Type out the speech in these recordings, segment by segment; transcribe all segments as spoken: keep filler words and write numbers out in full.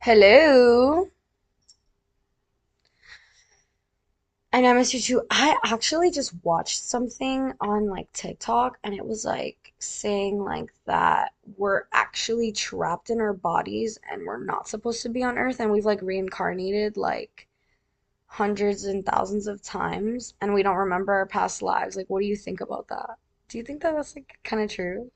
Hello. I know, I miss you too. I actually just watched something on like TikTok, and it was like saying like that we're actually trapped in our bodies and we're not supposed to be on Earth, and we've like reincarnated like hundreds and thousands of times, and we don't remember our past lives. Like, what do you think about that? Do you think that that's like kind of true?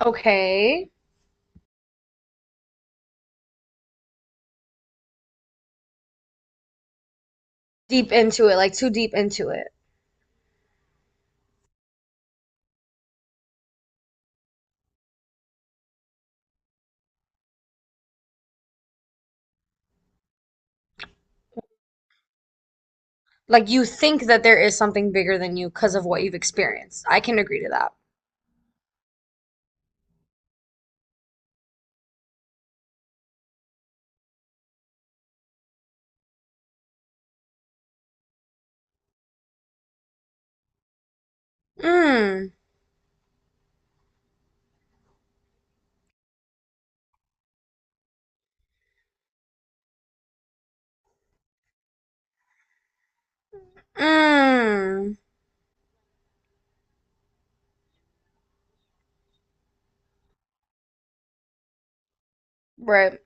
Okay. Deep into it, like too deep into it. Like, you think that there is something bigger than you because of what you've experienced. I can agree to that. Mm, mm, right.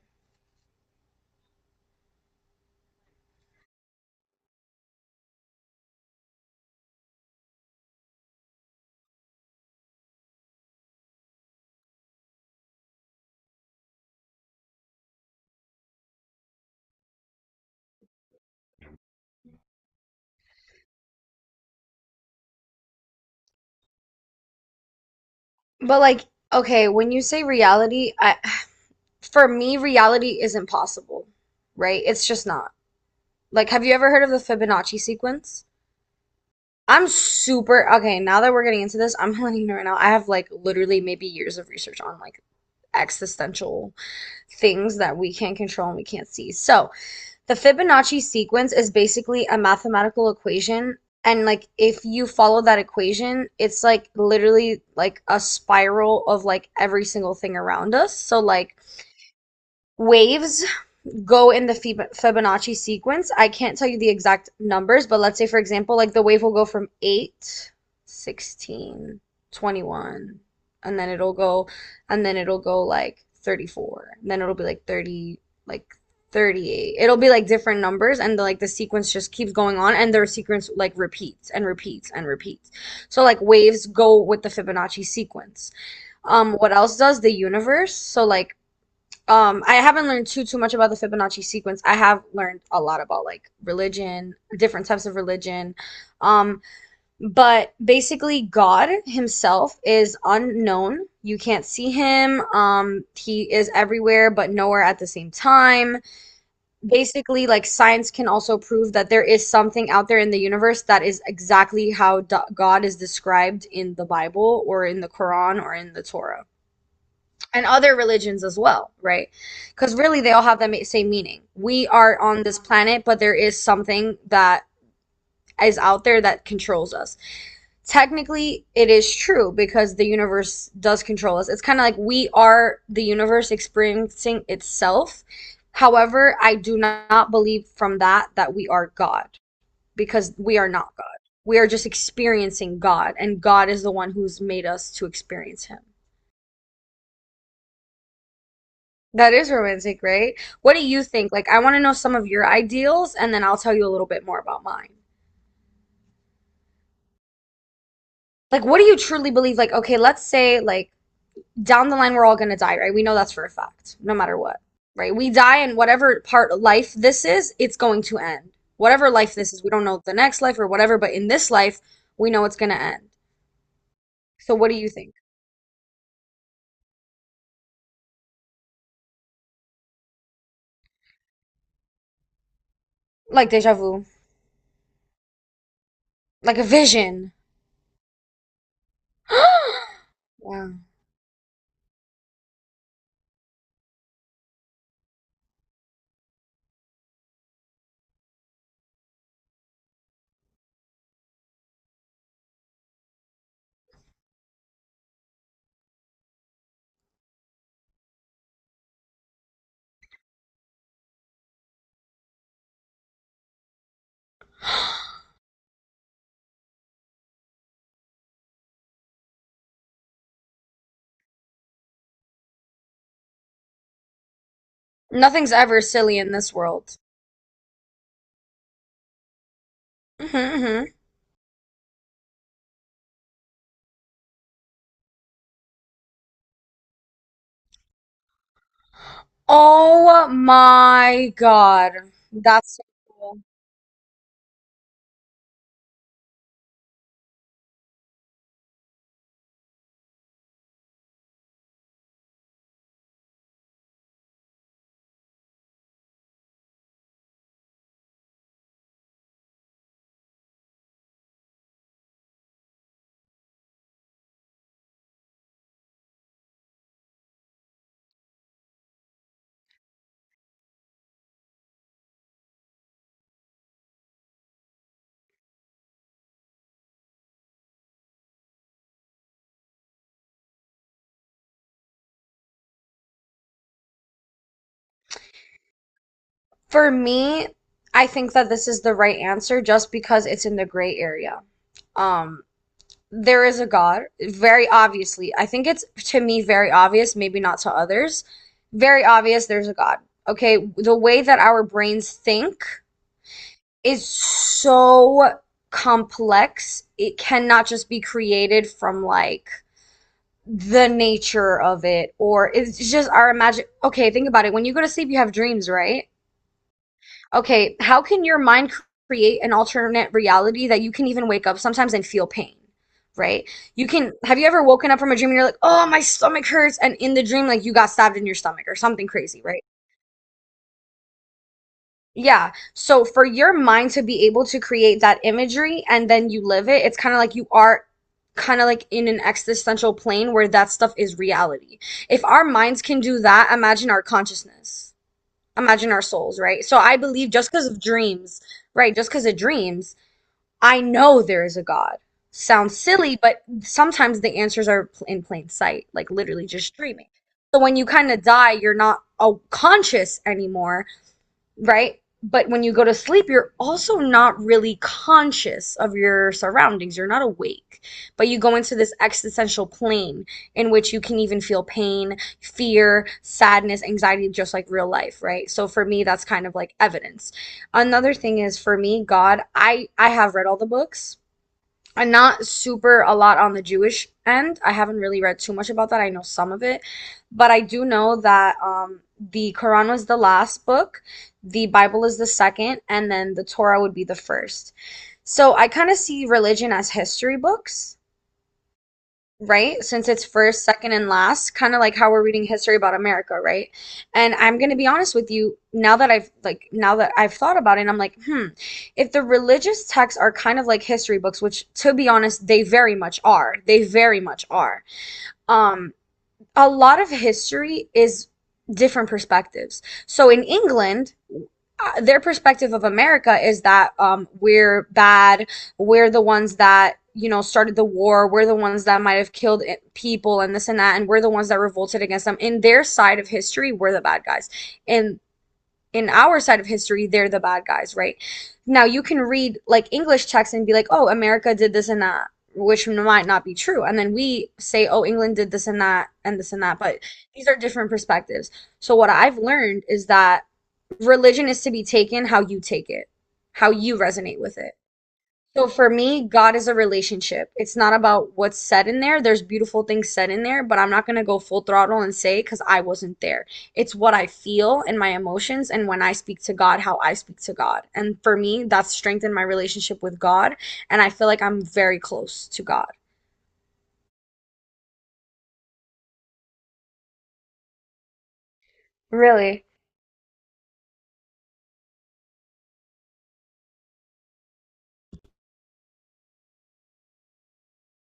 But like, okay, when you say reality, I, for me, reality isn't possible, right? It's just not. Like, have you ever heard of the Fibonacci sequence? I'm super, okay, now that we're getting into this, I'm letting you know right now, I have like literally maybe years of research on like existential things that we can't control and we can't see. So, the Fibonacci sequence is basically a mathematical equation, and like if you follow that equation, it's like literally like a spiral of like every single thing around us. So like waves go in the Fibonacci sequence. I can't tell you the exact numbers, but let's say, for example, like the wave will go from eight, sixteen, twenty-one, and then it'll go, and then it'll go like thirty-four, and then it'll be like thirty, like thirty-eight. It'll be like different numbers, and the, like the sequence just keeps going on, and their sequence like repeats and repeats and repeats. So like waves go with the Fibonacci sequence. Um, what else does the universe? So like um I haven't learned too too much about the Fibonacci sequence. I have learned a lot about like religion, different types of religion. um but basically, God himself is unknown. You can't see him. Um he is everywhere but nowhere at the same time. Basically, like science can also prove that there is something out there in the universe that is exactly how God is described in the Bible or in the Quran or in the Torah and other religions as well, right? Because really, they all have the same meaning. We are on this planet, but there is something that is out there that controls us. Technically, it is true because the universe does control us. It's kind of like we are the universe experiencing itself. However, I do not believe from that that we are God, because we are not God. We are just experiencing God, and God is the one who's made us to experience Him. That is romantic, right? What do you think? Like, I want to know some of your ideals, and then I'll tell you a little bit more about mine. Like, what do you truly believe? Like, okay, let's say, like, down the line, we're all gonna die, right? We know that's for a fact, no matter what, right? We die, and whatever part of life this is, it's going to end. Whatever life this is, we don't know the next life or whatever, but in this life, we know it's gonna end. So, what do you think? Like, deja vu, like a vision. Wow. Nothing's ever silly in this world. Hmm. Oh my God. That's so cool. For me, I think that this is the right answer just because it's in the gray area. Um, there is a God, very obviously. I think it's to me very obvious, maybe not to others. Very obvious there's a God. Okay, the way that our brains think is so complex. It cannot just be created from like the nature of it, or it's just our imagine. Okay, think about it. When you go to sleep, you have dreams, right? Okay, how can your mind create an alternate reality that you can even wake up sometimes and feel pain, right? You can, have you ever woken up from a dream and you're like, oh, my stomach hurts, and in the dream like you got stabbed in your stomach or something crazy, right? Yeah. So for your mind to be able to create that imagery and then you live it, it's kind of like you are kind of like in an existential plane where that stuff is reality. If our minds can do that, imagine our consciousness. Imagine our souls, right? So I believe just because of dreams, right? Just because of dreams, I know there is a God. Sounds silly, but sometimes the answers are pl- in plain sight, like literally just dreaming. So when you kind of die, you're not uh, conscious anymore, right? But when you go to sleep, you're also not really conscious of your surroundings. You're not awake, but you go into this existential plane in which you can even feel pain, fear, sadness, anxiety, just like real life, right? So for me, that's kind of like evidence. Another thing is for me, God, I I have read all the books. I'm not super a lot on the Jewish end. I haven't really read too much about that. I know some of it, but I do know that um, the Quran was the last book, the Bible is the second, and then the Torah would be the first. So I kind of see religion as history books, right? Since it's first, second, and last, kind of like how we're reading history about America, right? And I'm going to be honest with you, now that I've like now that I've thought about it, I'm like, hmm, if the religious texts are kind of like history books, which to be honest, they very much are. They very much are. Um, a lot of history is different perspectives. So in England, uh, their perspective of America is that um, we're bad, we're the ones that you know started the war, we're the ones that might have killed people and this and that, and we're the ones that revolted against them. In their side of history, we're the bad guys. In in our side of history, they're the bad guys, right? Now you can read like English texts and be like, oh, America did this and that, which might not be true. And then we say, oh, England did this and that and this and that. But these are different perspectives. So what I've learned is that religion is to be taken how you take it, how you resonate with it. So for me, God is a relationship. It's not about what's said in there. There's beautiful things said in there, but I'm not going to go full throttle and say because I wasn't there. It's what I feel and my emotions, and when I speak to God, how I speak to God. And for me, that's strengthened my relationship with God, and I feel like I'm very close to God. Really?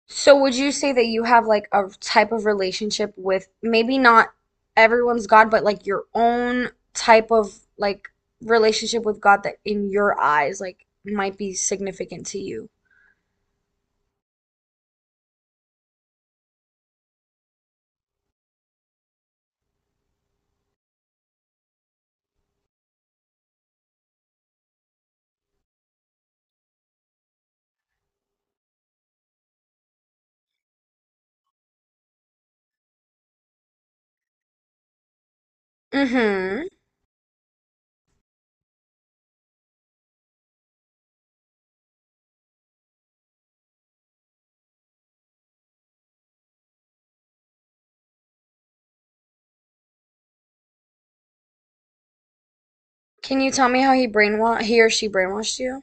So would you say that you have like a type of relationship with maybe not everyone's God, but like your own type of like relationship with God that in your eyes like might be significant to you? Mm-hmm. Can you tell me how he brainwa he or she brainwashed you?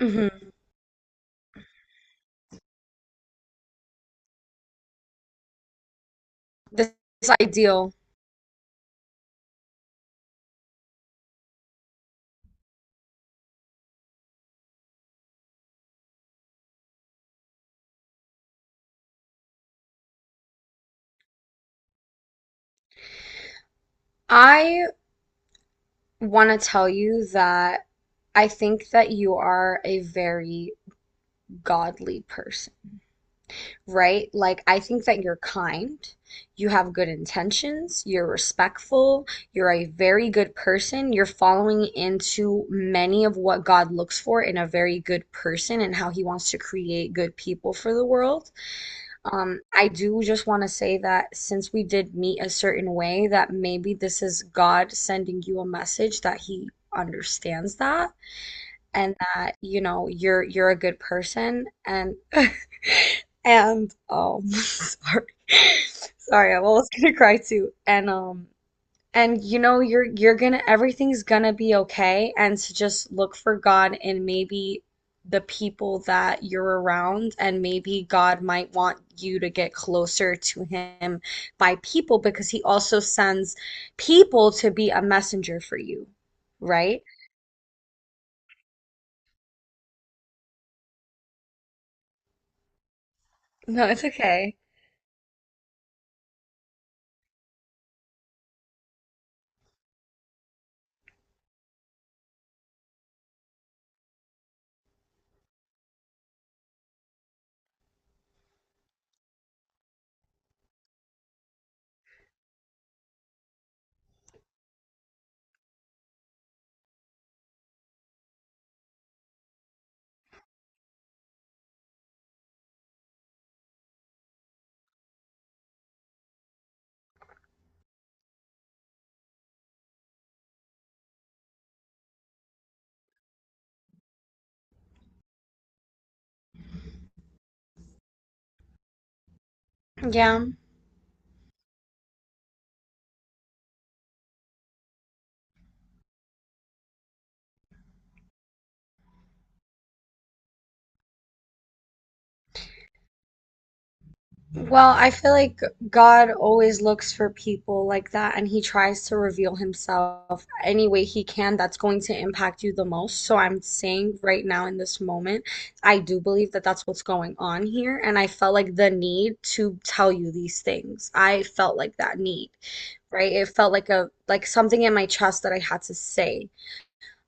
Mm-hmm. This, this ideal. I want to tell you that I think that you are a very godly person, right? Like, I think that you're kind, you have good intentions, you're respectful, you're a very good person, you're following into many of what God looks for in a very good person and how He wants to create good people for the world. Um, I do just want to say that since we did meet a certain way, that maybe this is God sending you a message that He understands that and that, you know, you're you're a good person, and and um sorry. Sorry, I'm almost gonna cry too. And um and you know you're you're gonna everything's gonna be okay, and to just look for God in maybe the people that you're around, and maybe God might want you to get closer to him by people, because he also sends people to be a messenger for you, right? No, it's okay. Yeah. Well, I feel like God always looks for people like that, and he tries to reveal himself any way he can that's going to impact you the most. So I'm saying right now in this moment, I do believe that that's what's going on here. And I felt like the need to tell you these things. I felt like that need, right? It felt like a, like something in my chest that I had to say.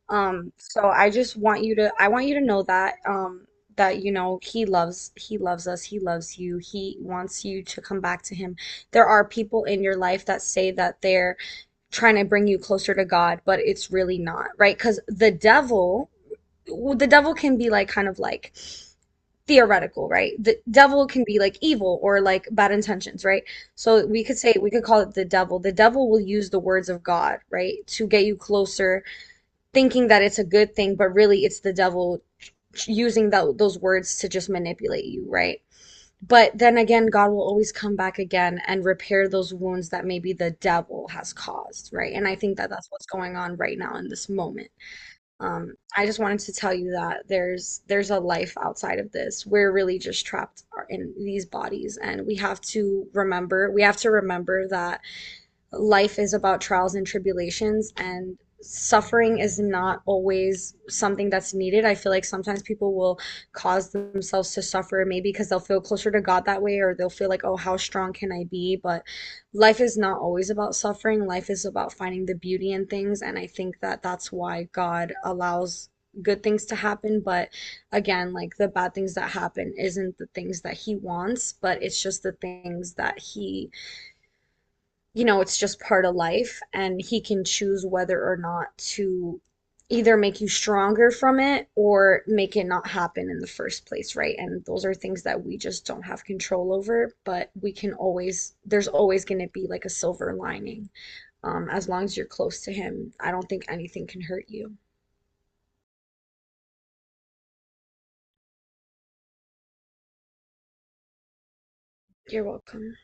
Um, so I just want you to I want you to know that um that you know he loves he loves us, he loves you. He wants you to come back to him. There are people in your life that say that they're trying to bring you closer to God, but it's really not, right. Because the devil, well, the devil can be like kind of like theoretical, right? The devil can be like evil or like bad intentions, right? So we could say we could call it the devil. The devil will use the words of God, right, to get you closer, thinking that it's a good thing, but really it's the devil using that those words to just manipulate you, right? But then again, God will always come back again and repair those wounds that maybe the devil has caused, right? And I think that that's what's going on right now in this moment. Um, I just wanted to tell you that there's there's a life outside of this. We're really just trapped in these bodies, and we have to remember we have to remember that life is about trials and tribulations, and suffering is not always something that's needed. I feel like sometimes people will cause themselves to suffer, maybe because they'll feel closer to God that way, or they'll feel like, oh, how strong can I be? But life is not always about suffering. Life is about finding the beauty in things. And I think that that's why God allows good things to happen. But again, like the bad things that happen isn't the things that He wants, but it's just the things that He, you know, it's just part of life, and he can choose whether or not to either make you stronger from it or make it not happen in the first place, right? And those are things that we just don't have control over, but we can always, there's always going to be like a silver lining. Um, as long as you're close to him, I don't think anything can hurt you. You're welcome.